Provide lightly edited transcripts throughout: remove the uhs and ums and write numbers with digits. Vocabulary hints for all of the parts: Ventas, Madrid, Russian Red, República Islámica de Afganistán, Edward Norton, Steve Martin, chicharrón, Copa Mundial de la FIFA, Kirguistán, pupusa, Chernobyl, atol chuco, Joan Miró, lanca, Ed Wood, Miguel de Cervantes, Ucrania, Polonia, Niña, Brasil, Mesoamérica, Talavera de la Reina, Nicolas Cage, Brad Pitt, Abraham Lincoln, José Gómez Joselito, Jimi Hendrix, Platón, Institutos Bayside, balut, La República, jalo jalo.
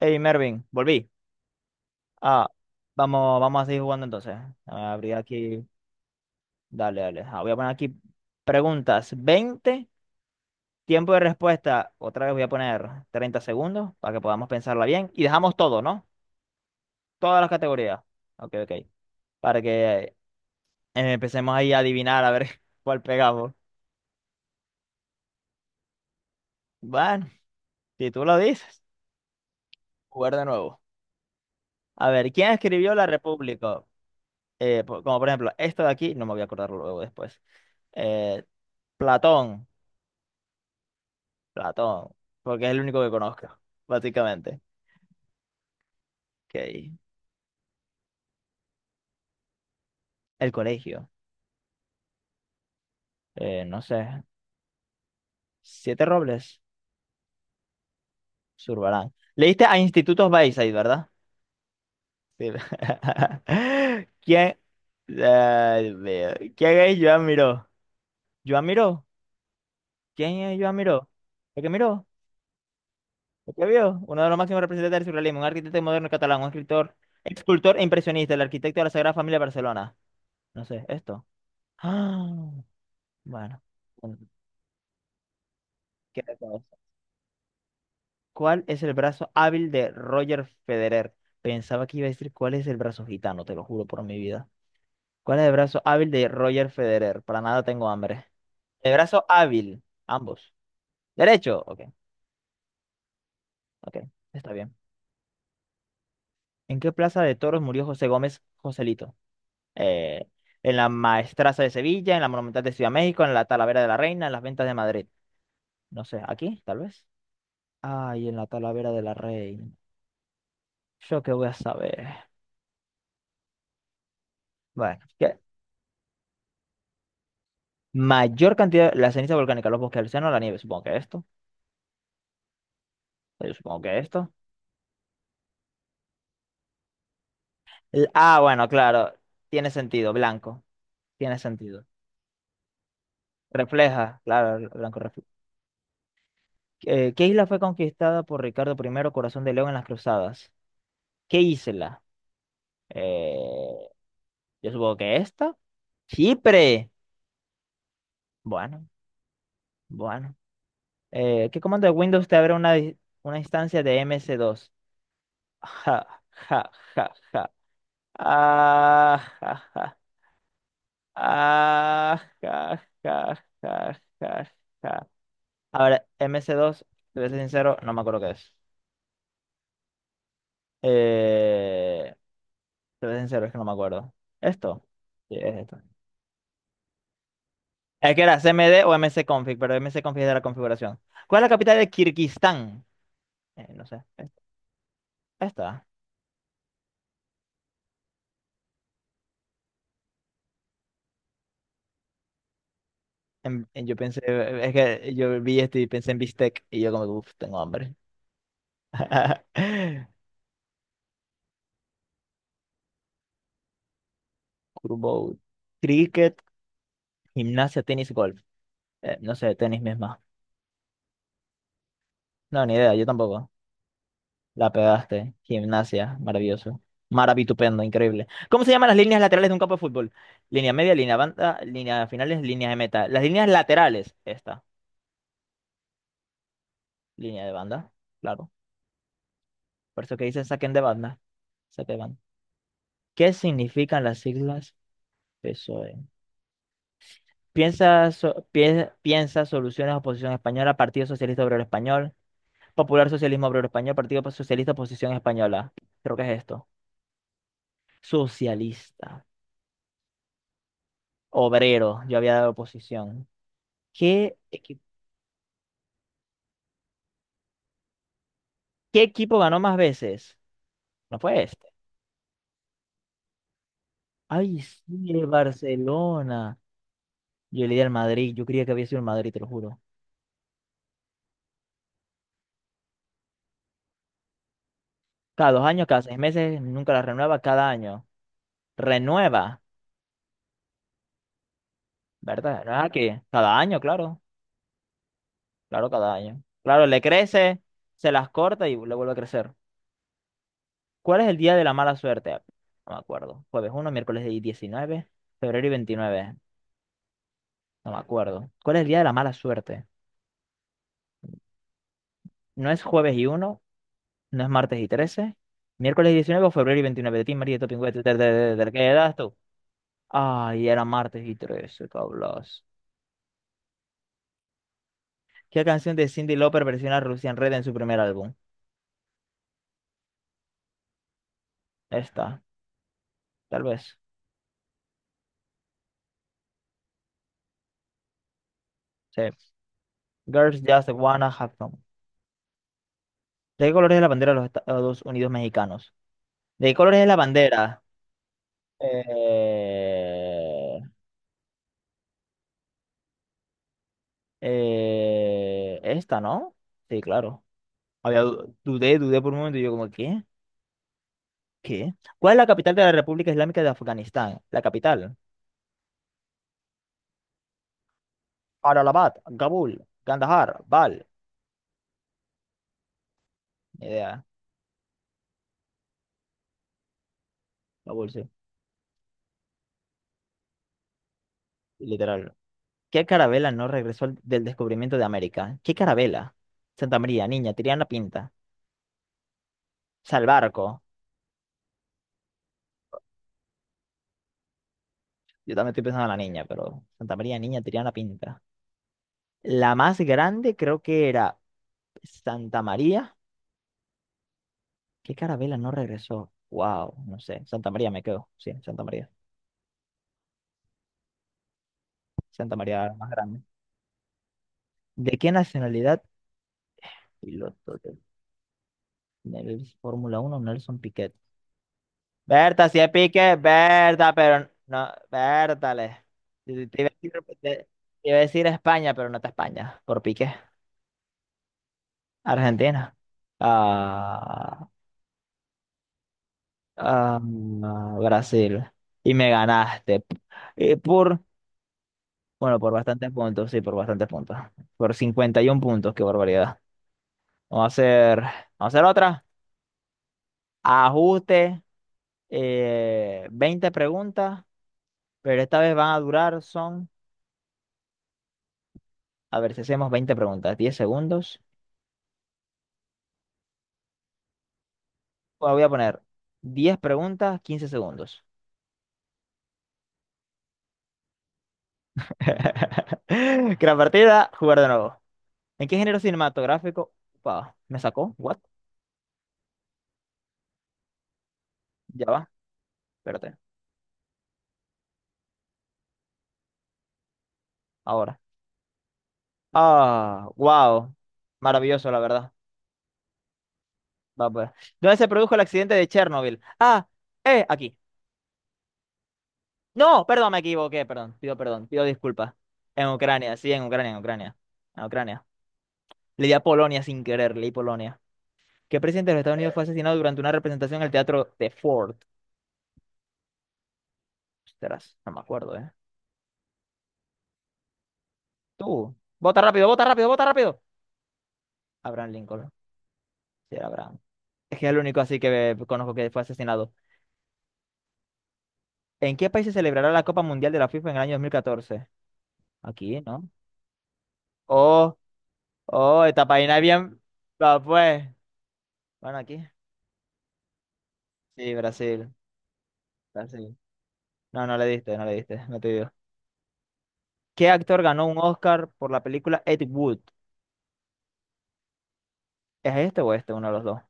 Hey Mervin, volví. Ah, vamos, vamos a seguir jugando entonces. Abrí aquí. Dale, dale. Ah, voy a poner aquí preguntas, 20 tiempo de respuesta. Otra vez voy a poner 30 segundos para que podamos pensarla bien. Y dejamos todo, ¿no? Todas las categorías. Ok, ok. Para que eh, empecemos ahí a adivinar a ver cuál pegamos. Bueno, si tú lo dices, jugar de nuevo. A ver, ¿quién escribió La República? Como por ejemplo, esto de aquí, no me voy a acordar luego después. Eh, Platón. Ratón, porque es el único que conozco, básicamente. Ok. El colegio, no sé. Siete Robles, Zurbarán. Leíste a Institutos Bayside, ¿verdad? Sí. ¿Quién? Ay, Dios mío. ¿Quién es Joan Miró? ¿Joan Miró? ¿Quién es Joan Miró? ¿El que miró? ¿El que vio? Uno de los máximos representantes del surrealismo, un arquitecto moderno catalán, un escritor, escultor e impresionista, el arquitecto de la Sagrada Familia de Barcelona. No sé, esto. Ah, bueno. ¿Qué tal? ¿Cuál es el brazo hábil de Roger Federer? Pensaba que iba a decir cuál es el brazo gitano, te lo juro por mi vida. ¿Cuál es el brazo hábil de Roger Federer? Para nada tengo hambre. El brazo hábil, ambos. Derecho, ok, ok, está bien. ¿En qué plaza de toros murió José Gómez Joselito? Eh, en la Maestraza de Sevilla, en la Monumental de Ciudad de México, en la Talavera de la Reina, en las Ventas de Madrid. No sé, aquí, tal vez. Ay, en la Talavera de la Reina. Yo qué voy a saber. Bueno, ¿qué? Mayor cantidad, la ceniza volcánica, los bosques, el océano, la nieve. Supongo que esto. Yo supongo que esto. El- ah, bueno, claro. Tiene sentido, blanco. Tiene sentido. Refleja, claro, el blanco refleja. ¿Qué isla fue conquistada por Ricardo I, Corazón de León en las Cruzadas? ¿Qué isla? Eh, yo supongo que esta. Chipre. Bueno, bueno. ¿Qué comando de Windows te abre una instancia de ms dos Ja, ja, ja, ja. Ah, ja, ja. Ah, ja, ja, ja, ja, ja. A ver, mc dos te voy a ser sincero, no me acuerdo qué es. Eh, Te voy a ser sincero, es que no me acuerdo. ¿Esto? Sí, es esto. Es que era CMD o M C config pero M C config es de la configuración. ¿Cuál es la capital de Kirguistán? No sé. Esta. En- yo pensé, es que yo vi esto y pensé en bistec y yo como, uff, tengo hambre. Kurbo, cricket, gimnasia, tenis, golf. No sé, tenis misma. No, ni idea, yo tampoco. La pegaste. Gimnasia, maravilloso. Maravitupendo, increíble. ¿Cómo se llaman las líneas laterales de un campo de fútbol? Línea media, línea banda, línea finales, línea de meta. Las líneas laterales, esta. Línea de banda, claro. Por eso que dicen saquen de banda. Saque de banda. ¿Qué significan las siglas PSOE? Piensa, so- pie- piensa soluciones oposición española, Partido Socialista Obrero Español, Popular Socialismo Obrero Español, Partido Socialista Oposición Española. Creo que es esto. Socialista. Obrero, yo había dado oposición. ¿Qué, equi- Qué equipo ganó más veces? No fue este. Ay, sí, el Barcelona. Yo le di al Madrid, yo creía que había sido el Madrid, te lo juro. Cada 2 años, cada 6 meses, nunca la renueva, cada año. Renueva, ¿verdad? No es aquí. Cada año, claro. Claro, cada año. Claro, le crece, se las corta y le vuelve a crecer. ¿Cuál es el día de la mala suerte? No me acuerdo. jueves 1 miércoles 19 febrero y 29. No me acuerdo. ¿Cuál es el día de la mala suerte? No es jueves y 1, no es martes y 13, miércoles y 19 o febrero y 29. De ti, María, de Topingüe, ¿qué edad tú? Ay, era martes y 13, cablas. ¿Qué canción de Cyndi Lauper versiona Russian Red en su primer álbum? Esta, tal vez. Sí. Girls Just Wanna Have Fun. ¿De qué colores es la bandera de los Estados Unidos mexicanos? ¿De qué colores es la bandera? Eh, Esta, ¿no? Sí, claro. Había, dudé, dudé por un momento y yo como, ¿qué? ¿Qué? ¿Cuál es la capital de la República Islámica de Afganistán? La capital. Allahabad, Kabul, Kandahar, Bal. Ni idea. Kabul, sí. Literal. ¿Qué carabela no regresó al- del descubrimiento de América? ¿Qué carabela? Santa María, niña, Tiriana Pinta. O sea, el barco. Yo también estoy pensando en la niña, pero Santa María, niña, Tiriana Pinta. La más grande creo que era Santa María. ¿Qué carabela no regresó? Wow, no sé. Santa María me quedo. Sí, Santa María. Santa María era la más grande. ¿De qué nacionalidad? Piloto del Fórmula 1 Nelson Piquet. Berta, si es Piquet, Berta, pero no, Berta, le- Te iba a decir, te- te iba a decir España, pero no está España, por Piquet. Argentina. Ah, ah, Brasil. Y me ganaste. Y por, bueno, por bastantes puntos, sí, por bastantes puntos. Por 51 puntos, qué barbaridad. Vamos a hacer otra. Ajuste, 20 preguntas, pero esta vez van a durar, son... A ver si hacemos 20 preguntas, 10 segundos. Bueno, voy a poner 10 preguntas, 15 segundos. Gran partida, jugar de nuevo. ¿En qué género cinematográfico? Upa, me sacó. ¿What? Ya va, espérate. Ahora. Ah, wow. Maravilloso, la verdad. Va, pues. ¿Dónde se produjo el accidente de Chernobyl? Ah, aquí. No, perdón, me equivoqué, perdón. Pido perdón, pido disculpas. En Ucrania, sí, en Ucrania, en Ucrania. En Ucrania. Le di a Polonia sin querer, leí Polonia. ¿Qué presidente de los Estados Unidos fue asesinado durante una representación en el teatro de Ford? Ostras, no me acuerdo, ¿eh? Tú. Vota rápido, vota rápido, vota rápido. Abraham Lincoln. Sí, era Abraham. Es que es el único así que conozco que fue asesinado. ¿En qué país se celebrará la Copa Mundial de la FIFA en el año 2014? Aquí, ¿no? Oh, oh, esta página es bien. Va, pues. Bueno, aquí. Sí, Brasil. Brasil. No, no le diste, no le diste. No te dio. ¿Qué actor ganó un Oscar por la película Ed Wood? ¿Es este o este? Uno de los dos.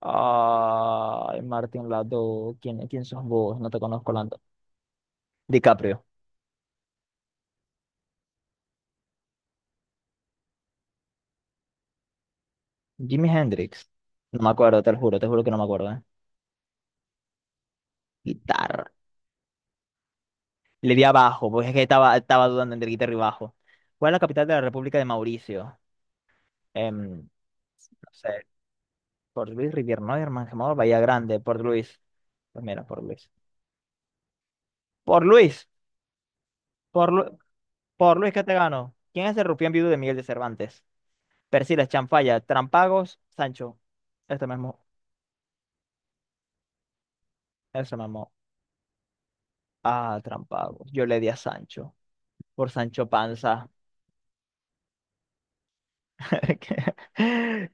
Ay, Martin Lado, ¿quién, quién sos vos? No te conozco, Lando. DiCaprio. Jimi Hendrix. No me acuerdo, te lo juro, te juro que no me acuerdo, ¿eh? Guitarra. Le di abajo, porque es que estaba dudando entre guitarra y bajo. ¿Cuál es la capital de la República de Mauricio? No sé, Port Luis, Rivière Mangemor, Bahía Grande, Port Luis. Pues mira, Port Luis. Por Luis, por, Lu- por Luis qué te gano. ¿Quién es el rufián viudo de Miguel de Cervantes? Persiles, Chanfalla, Trampagos, Sancho. Este mismo, ese mismo. Ah, trampado. Yo le di a Sancho, por Sancho Panza. Que-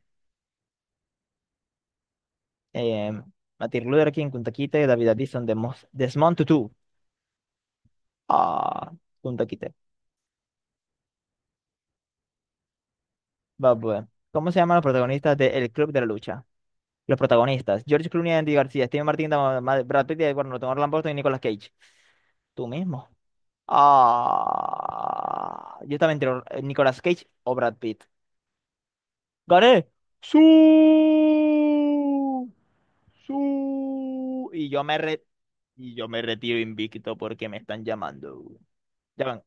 Eh, Martin Luther King, kun takite, David Addison, Demos- Desmond Tutu. Ah, kun takite. Va, pues. ¿Cómo se llaman los protagonistas de El Club de la Lucha? Los protagonistas. George Clooney, Andy García, Steve Martin, Dama- Ma- Brad Pitt, Edward Norton, Orlando Burton y Nicolas Cage. Tú mismo. Ah, yo estaba entre Or- Nicolas Cage o Brad Pitt. ¡Gané! ¡Sí! Su- Y yo me re- y yo me retiro invicto porque me están llamando. Ya van.